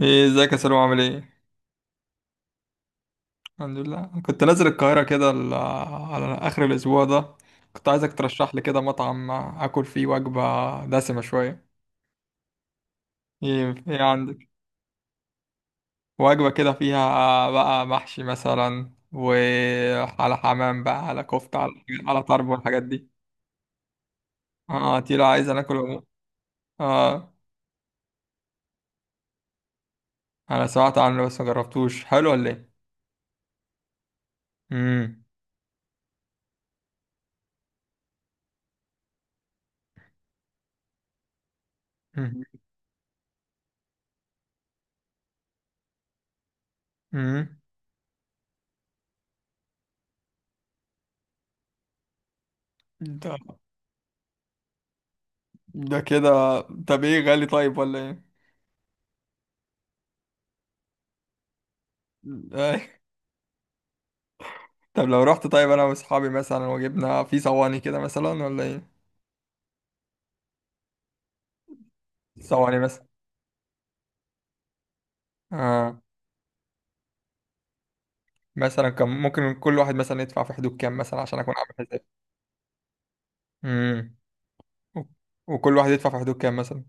ايه، ازيك يا سلام؟ عامل ايه؟ الحمد لله. كنت نازل القاهرة كده على اخر الاسبوع ده. كنت عايزك ترشح لي كده مطعم اكل فيه وجبة دسمة شوية. ايه عندك؟ وجبة كده فيها بقى محشي مثلا وعلى حمام بقى على كفتة على طرب والحاجات دي. اه، تقيلة. عايز انا اكل. اه، انا سمعت عنه بس ما جربتوش. حلو ولا ايه؟ امم. امم. ده ده كده، طب ايه، غالي طيب ولا؟ ايه؟ طب لو رحت طيب انا واصحابي مثلا، وجبنا في صواني كده مثلا ولا ايه؟ صواني مثلا؟ اه. مثلا كان ممكن كل واحد مثلا يدفع في حدود كام مثلا عشان اكون عامل حساب. امم. وكل واحد يدفع في حدود كام مثلا؟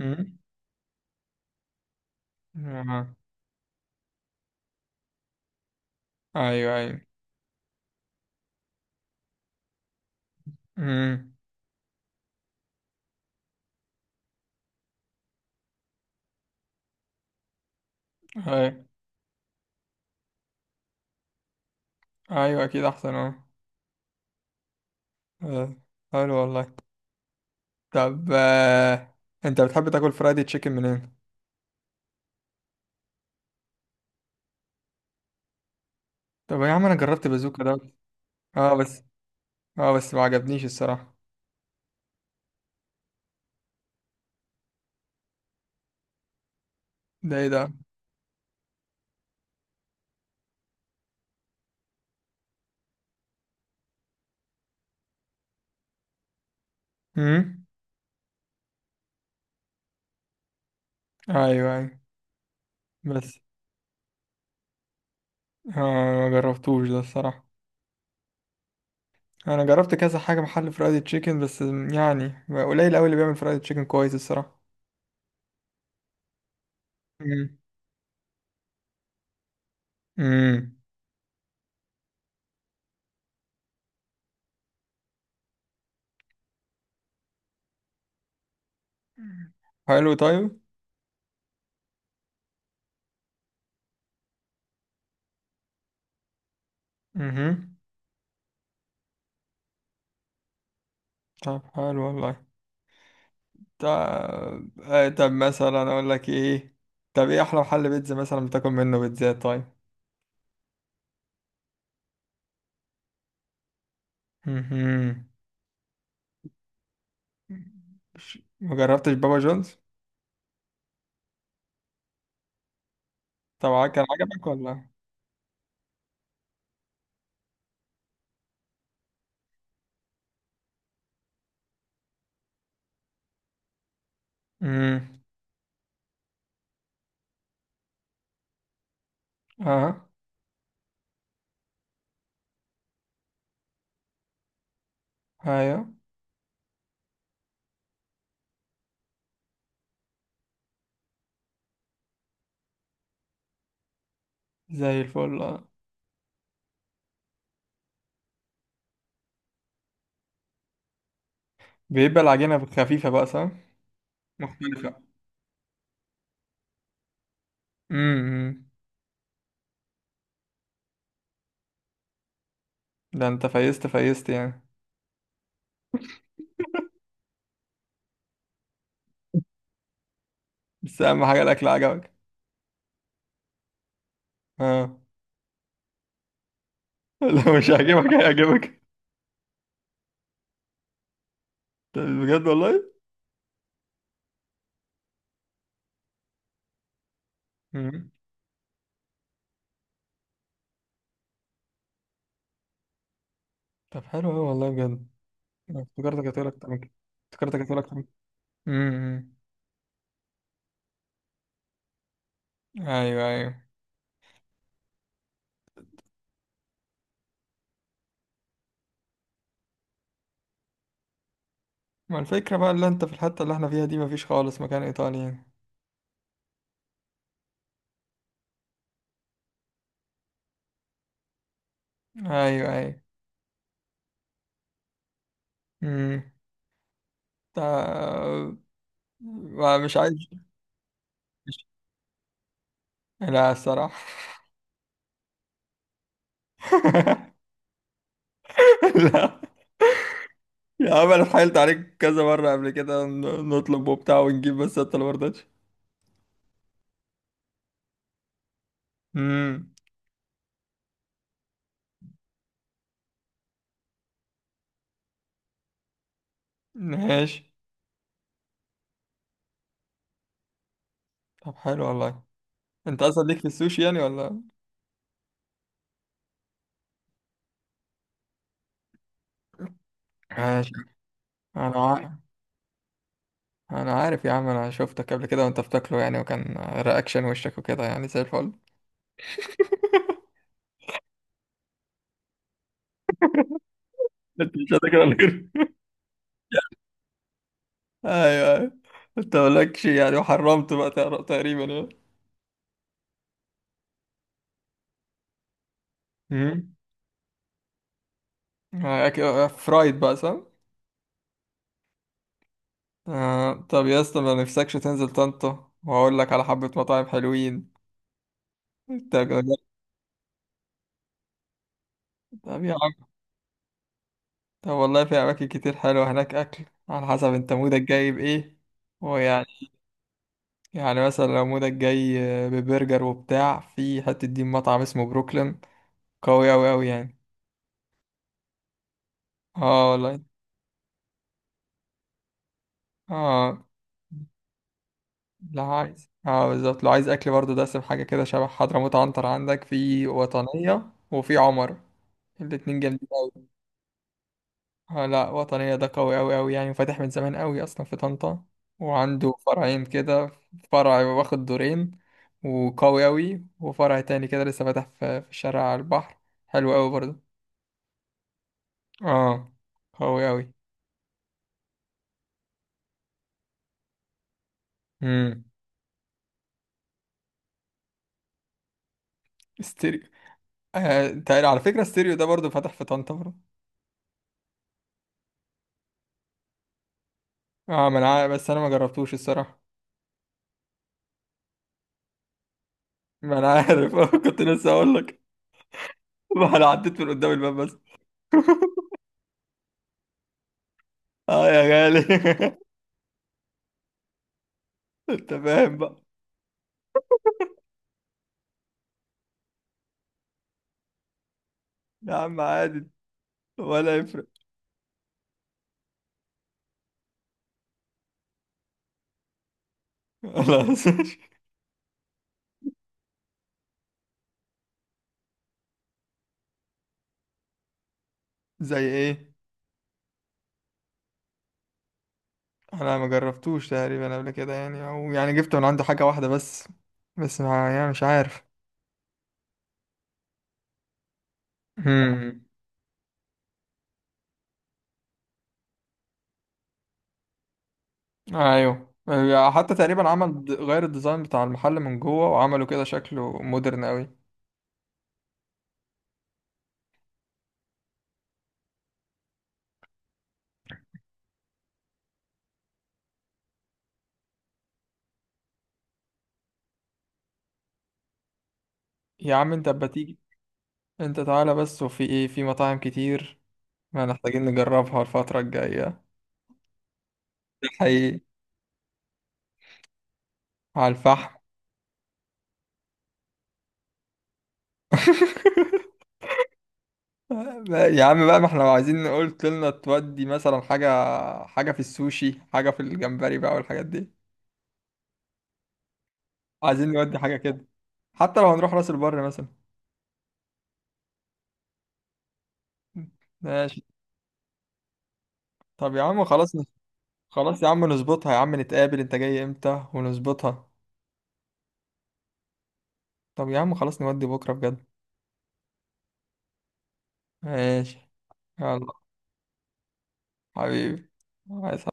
امم. آه. ايوه، ايوه. امم. ايوه، ايوه، اكيد احسن. اه. آه. حلو والله. طب، آه. انت بتحب تاكل فرايدي تشيكن منين؟ طب يا عم انا جربت بازوكا ده. اه بس اه بس ما عجبنيش الصراحه. ده ايه ده؟ امم. ايوه، ايوه. بس، آه، ما جربتوش ده الصراحة. انا جربت كذا حاجة محل فرايد تشيكن، بس يعني قليل قوي اللي بيعمل فرايد تشيكن كويس الصراحة. مم. مم. حلو طيب. امم. طب حلو والله. طب، آه، طب مثلا اقول لك ايه، طب ايه احلى محل بيتزا مثلا بتاكل منه بيتزات؟ طيب. امم. ما جربتش بابا جونز؟ طبعا. كان عجبك ولا؟ امم. اه، ايوه، زي الفل. آه. بيبقى العجينة خفيفة بقى، صح؟ مختلفة. امم. ده انت فيست فيست يعني. بس اهم حاجه الاكل عجبك. اه. لو مش عاجبك هيعجبك. طب بجد والله. امم. طب حلو قوي والله بجد. أنا افتكرتك هتقول اكتر من كده. افتكرتك هتقول اكتر من كده. امم. ايوه، ايوه. ما الفكره بقى اللي انت في الحته اللي احنا فيها دي مفيش خالص مكان ايطالي يعني. ايوه، ايوه. امم. طب، مش عايز. مش- لا الصراحه. لا. يا عم انا اتحايلت عليك كذا مرة قبل كده نطلب وبتاع ونجيب، بس انت اللي مرضتش. امم. ماشي. طب حلو والله. انت اصلا ليك في السوشي يعني ولا؟ ماشي. انا عارف. انا عارف يا عم، انا شفتك قبل كده وانت بتاكله، يعني وكان رياكشن وشك وكده يعني زي الفل. انت مش هتاكل ولا غير؟ ايوه، ايوه. انت مالكش يعني وحرمت بقى تقريبا يعني. امم. فرايد بقى، صح؟ آه، طب يا اسطى، ما نفسكش تنزل طنطا واقول لك على حبة مطاعم حلوين؟ انت جربت؟ طب يا عم. طب والله في أماكن كتير حلوة هناك، أكل على حسب أنت مودك جاي بإيه، ويعني، يعني مثلا لو مودك جاي ببرجر وبتاع، في حتة دي مطعم اسمه بروكلين قوي أوي أوي يعني. اه والله. اه، لا عايز، اه بالظبط، لو عايز أكل برضه دسم حاجة كده شبه حضرموت عنتر، عندك في وطنية وفي عمر. الاتنين جامدين أوي. آه لا، وطنية ده قوي أوي أوي يعني، فاتح من زمان أوي أصلا في طنطا. وعنده فرعين كده. فرع واخد دورين وقوي أوي، وفرع تاني كده لسه فاتح في الشارع على البحر، حلو أوي برضه. اه، قوي أوي. امم. ستيريو. آه، انت على فكرة ستيريو ده برضه فاتح في طنطا برضه. اه ما أنا عارف، بس أنا ما جربتوش الصراحة. ما أنا عارف. كنت لسه أقول لك. ما أنا عديت من قدام الباب بس. اه يا غالي. انت فاهم بقى. يا عم عادي. ولا يفرق. لا. زي ايه؟ انا ما جربتوش تقريبا قبل كده يعني، او يعني جبت من عنده حاجه واحده بس، بس ما يعني مش عارف. امم. ايوه. حتى تقريبا عمل غير الديزاين بتاع المحل من جوه، وعملوا كده شكله مودرن قوي. يا عم انت أبقى تيجي. انت تعالى بس، وفي ايه، في مطاعم كتير ما محتاجين نجربها الفتره الجايه، حقيقي. على الفحم. يا عم بقى، ما احنا لو عايزين قلت لنا تودي مثلا حاجة، حاجة في السوشي، حاجة في الجمبري بقى والحاجات دي. عايزين نودي حاجة كده، حتى لو هنروح راس البر مثلا. ماشي. طب يا عم خلاص. خلاص يا عم نظبطها. يا عم نتقابل، انت جاي امتى ونظبطها؟ طب يا عم خلاص نودي بكرة بجد. ماشي. يلا. حبيبي. عايز.